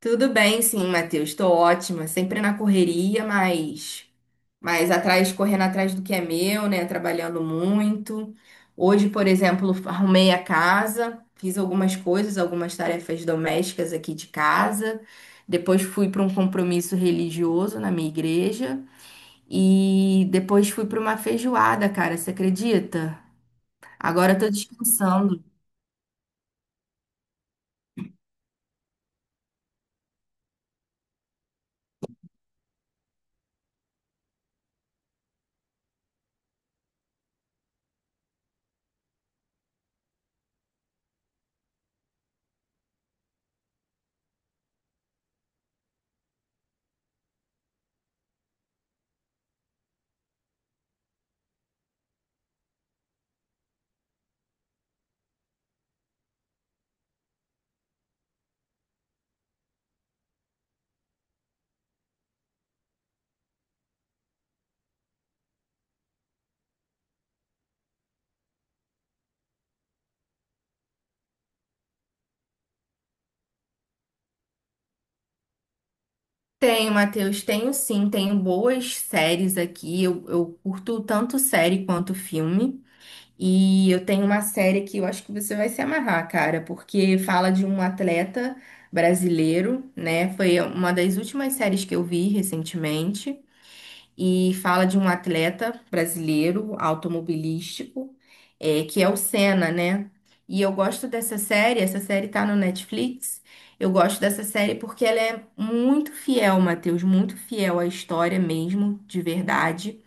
Tudo bem, sim, Matheus. Estou ótima. Sempre na correria, mas atrás, correndo atrás do que é meu, né? Trabalhando muito. Hoje, por exemplo, arrumei a casa, fiz algumas coisas, algumas tarefas domésticas aqui de casa. Depois fui para um compromisso religioso na minha igreja. E depois fui para uma feijoada, cara. Você acredita? Agora eu tô descansando. Tenho, Matheus, tenho sim, tenho boas séries aqui. Eu curto tanto série quanto filme. E eu tenho uma série que eu acho que você vai se amarrar, cara, porque fala de um atleta brasileiro, né? Foi uma das últimas séries que eu vi recentemente e fala de um atleta brasileiro automobilístico, que é o Senna, né? E eu gosto dessa série, essa série tá no Netflix. Eu gosto dessa série porque ela é muito fiel, Matheus, muito fiel à história mesmo, de verdade.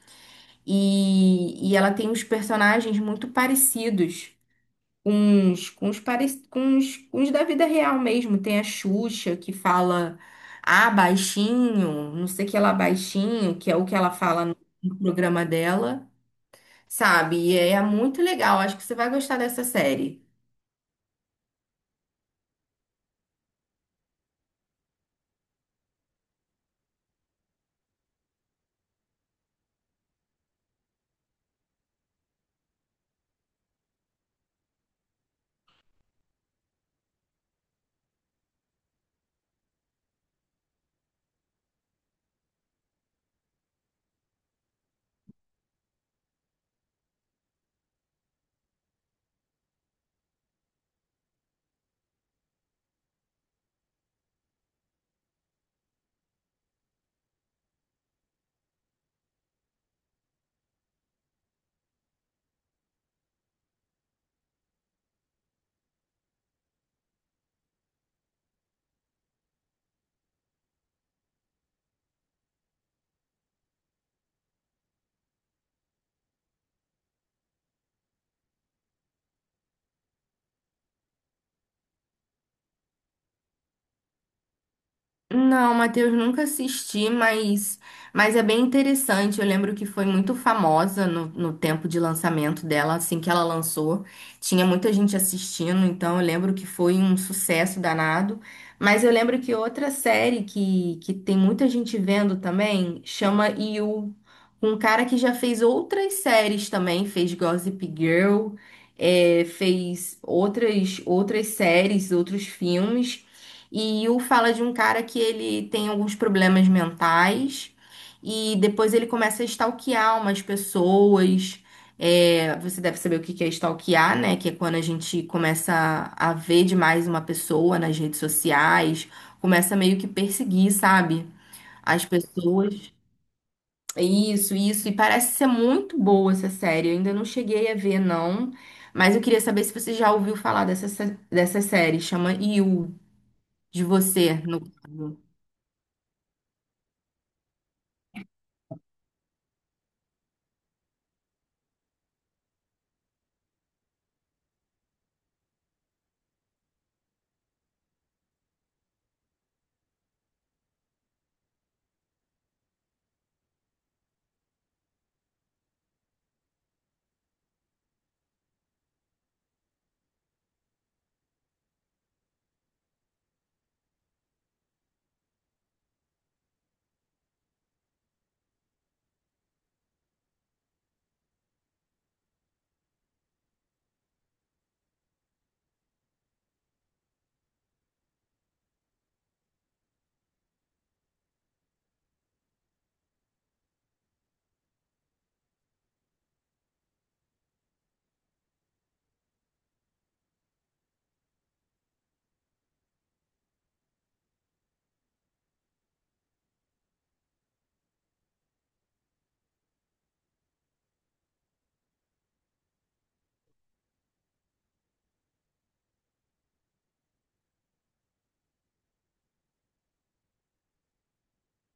E ela tem uns personagens muito parecidos uns, com uns, com uns, com uns da vida real mesmo. Tem a Xuxa que fala, ah, baixinho, não sei o que lá, baixinho, que é o que ela fala no programa dela, sabe? E é muito legal, acho que você vai gostar dessa série. Não, Matheus, nunca assisti, mas é bem interessante. Eu lembro que foi muito famosa no tempo de lançamento dela, assim que ela lançou. Tinha muita gente assistindo, então eu lembro que foi um sucesso danado. Mas eu lembro que outra série que tem muita gente vendo também chama You, um cara que já fez outras séries também, fez Gossip Girl, fez outras, outras séries, outros filmes. E um fala de um cara que ele tem alguns problemas mentais e depois ele começa a stalkear umas pessoas. É, você deve saber o que que é stalkear, né? Que é quando a gente começa a ver demais uma pessoa nas redes sociais, começa meio que perseguir, sabe? As pessoas. Isso, isso. E parece ser muito boa essa série. Eu ainda não cheguei a ver, não. Mas eu queria saber se você já ouviu falar dessa série. Chama You, de você, no caso.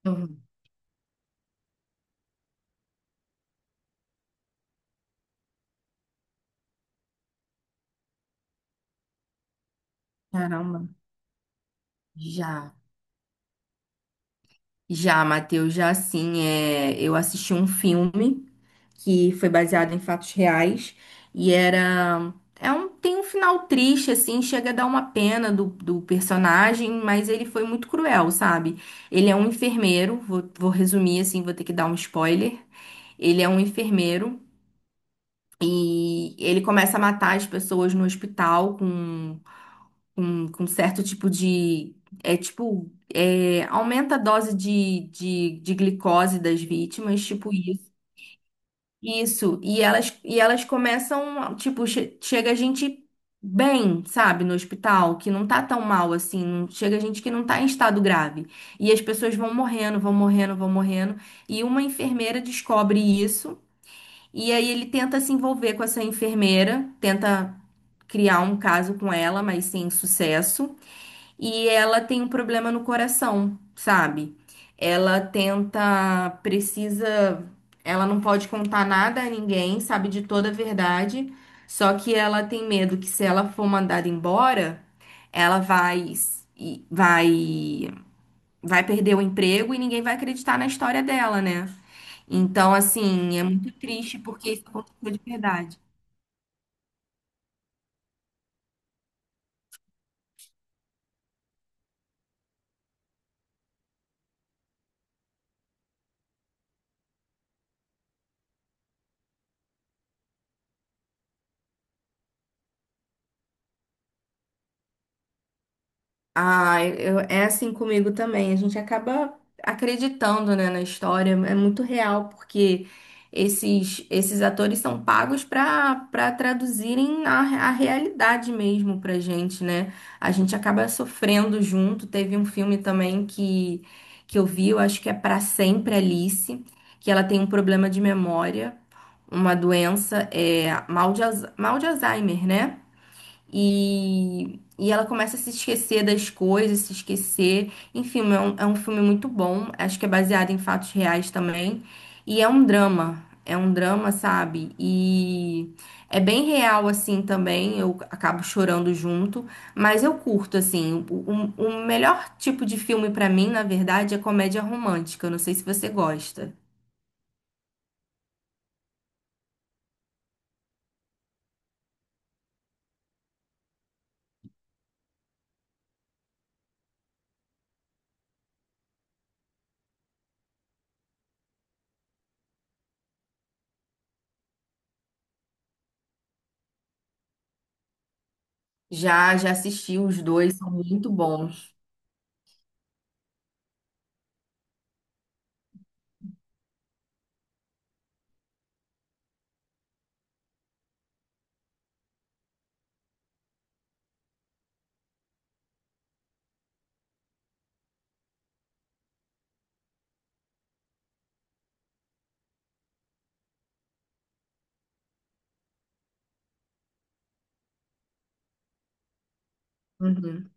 Uhum. Caramba. Já, já, Matheus, já sim. É, eu assisti um filme que foi baseado em fatos reais e era. É um, tem um final triste, assim, chega a dar uma pena do personagem, mas ele foi muito cruel, sabe? Ele é um enfermeiro, vou resumir assim, vou ter que dar um spoiler. Ele é um enfermeiro e ele começa a matar as pessoas no hospital com com certo tipo de. É tipo. Aumenta a dose de glicose das vítimas, tipo isso. Isso. E elas começam. Tipo, chega gente bem, sabe, no hospital, que não tá tão mal assim. Chega gente que não tá em estado grave. E as pessoas vão morrendo, vão morrendo, vão morrendo. E uma enfermeira descobre isso. E aí ele tenta se envolver com essa enfermeira, tenta criar um caso com ela, mas sem sucesso. E ela tem um problema no coração, sabe? Ela tenta, precisa, ela não pode contar nada a ninguém, sabe de toda a verdade. Só que ela tem medo que se ela for mandada embora, ela vai e- vai vai perder o emprego e ninguém vai acreditar na história dela, né? Então, assim, é muito triste porque isso aconteceu de verdade. Ah, eu, é assim comigo também. A gente acaba acreditando, né, na história. É muito real, porque esses atores são pagos para traduzirem a realidade mesmo pra gente, né? A gente acaba sofrendo junto. Teve um filme também que eu vi, eu acho que é Pra Sempre Alice, que ela tem um problema de memória, uma doença, mal de, mal de Alzheimer, né? E ela começa a se esquecer das coisas, se esquecer. Enfim, é um filme muito bom. Acho que é baseado em fatos reais também. E é um drama. É um drama, sabe? E é bem real, assim, também. Eu acabo chorando junto. Mas eu curto, assim. O melhor tipo de filme pra mim, na verdade, é comédia romântica. Eu não sei se você gosta. Já, já assisti os dois, são muito bons. Uhum,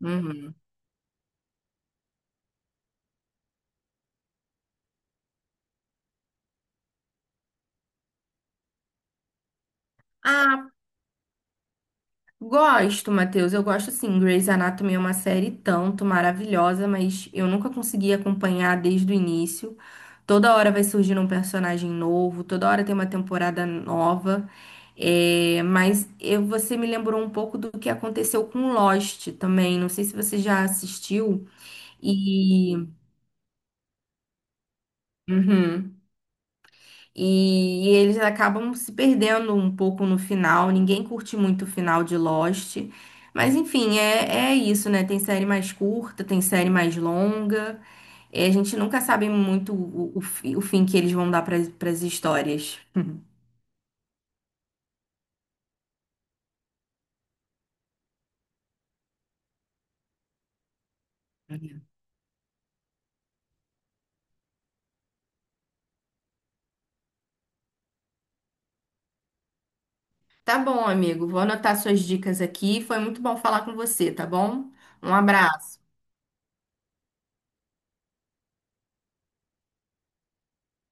uhum. Ah, gosto, Matheus. Eu gosto sim. Grey's Anatomy é uma série tanto maravilhosa, mas eu nunca consegui acompanhar desde o início. Toda hora vai surgindo um personagem novo, toda hora tem uma temporada nova. É, mas você me lembrou um pouco do que aconteceu com Lost também. Não sei se você já assistiu. E. Uhum. E eles acabam se perdendo um pouco no final. Ninguém curte muito o final de Lost. Mas enfim, é, é isso, né? Tem série mais curta, tem série mais longa. E a gente nunca sabe muito o fim que eles vão dar para as histórias. Tá bom, amigo. Vou anotar suas dicas aqui. Foi muito bom falar com você, tá bom? Um abraço.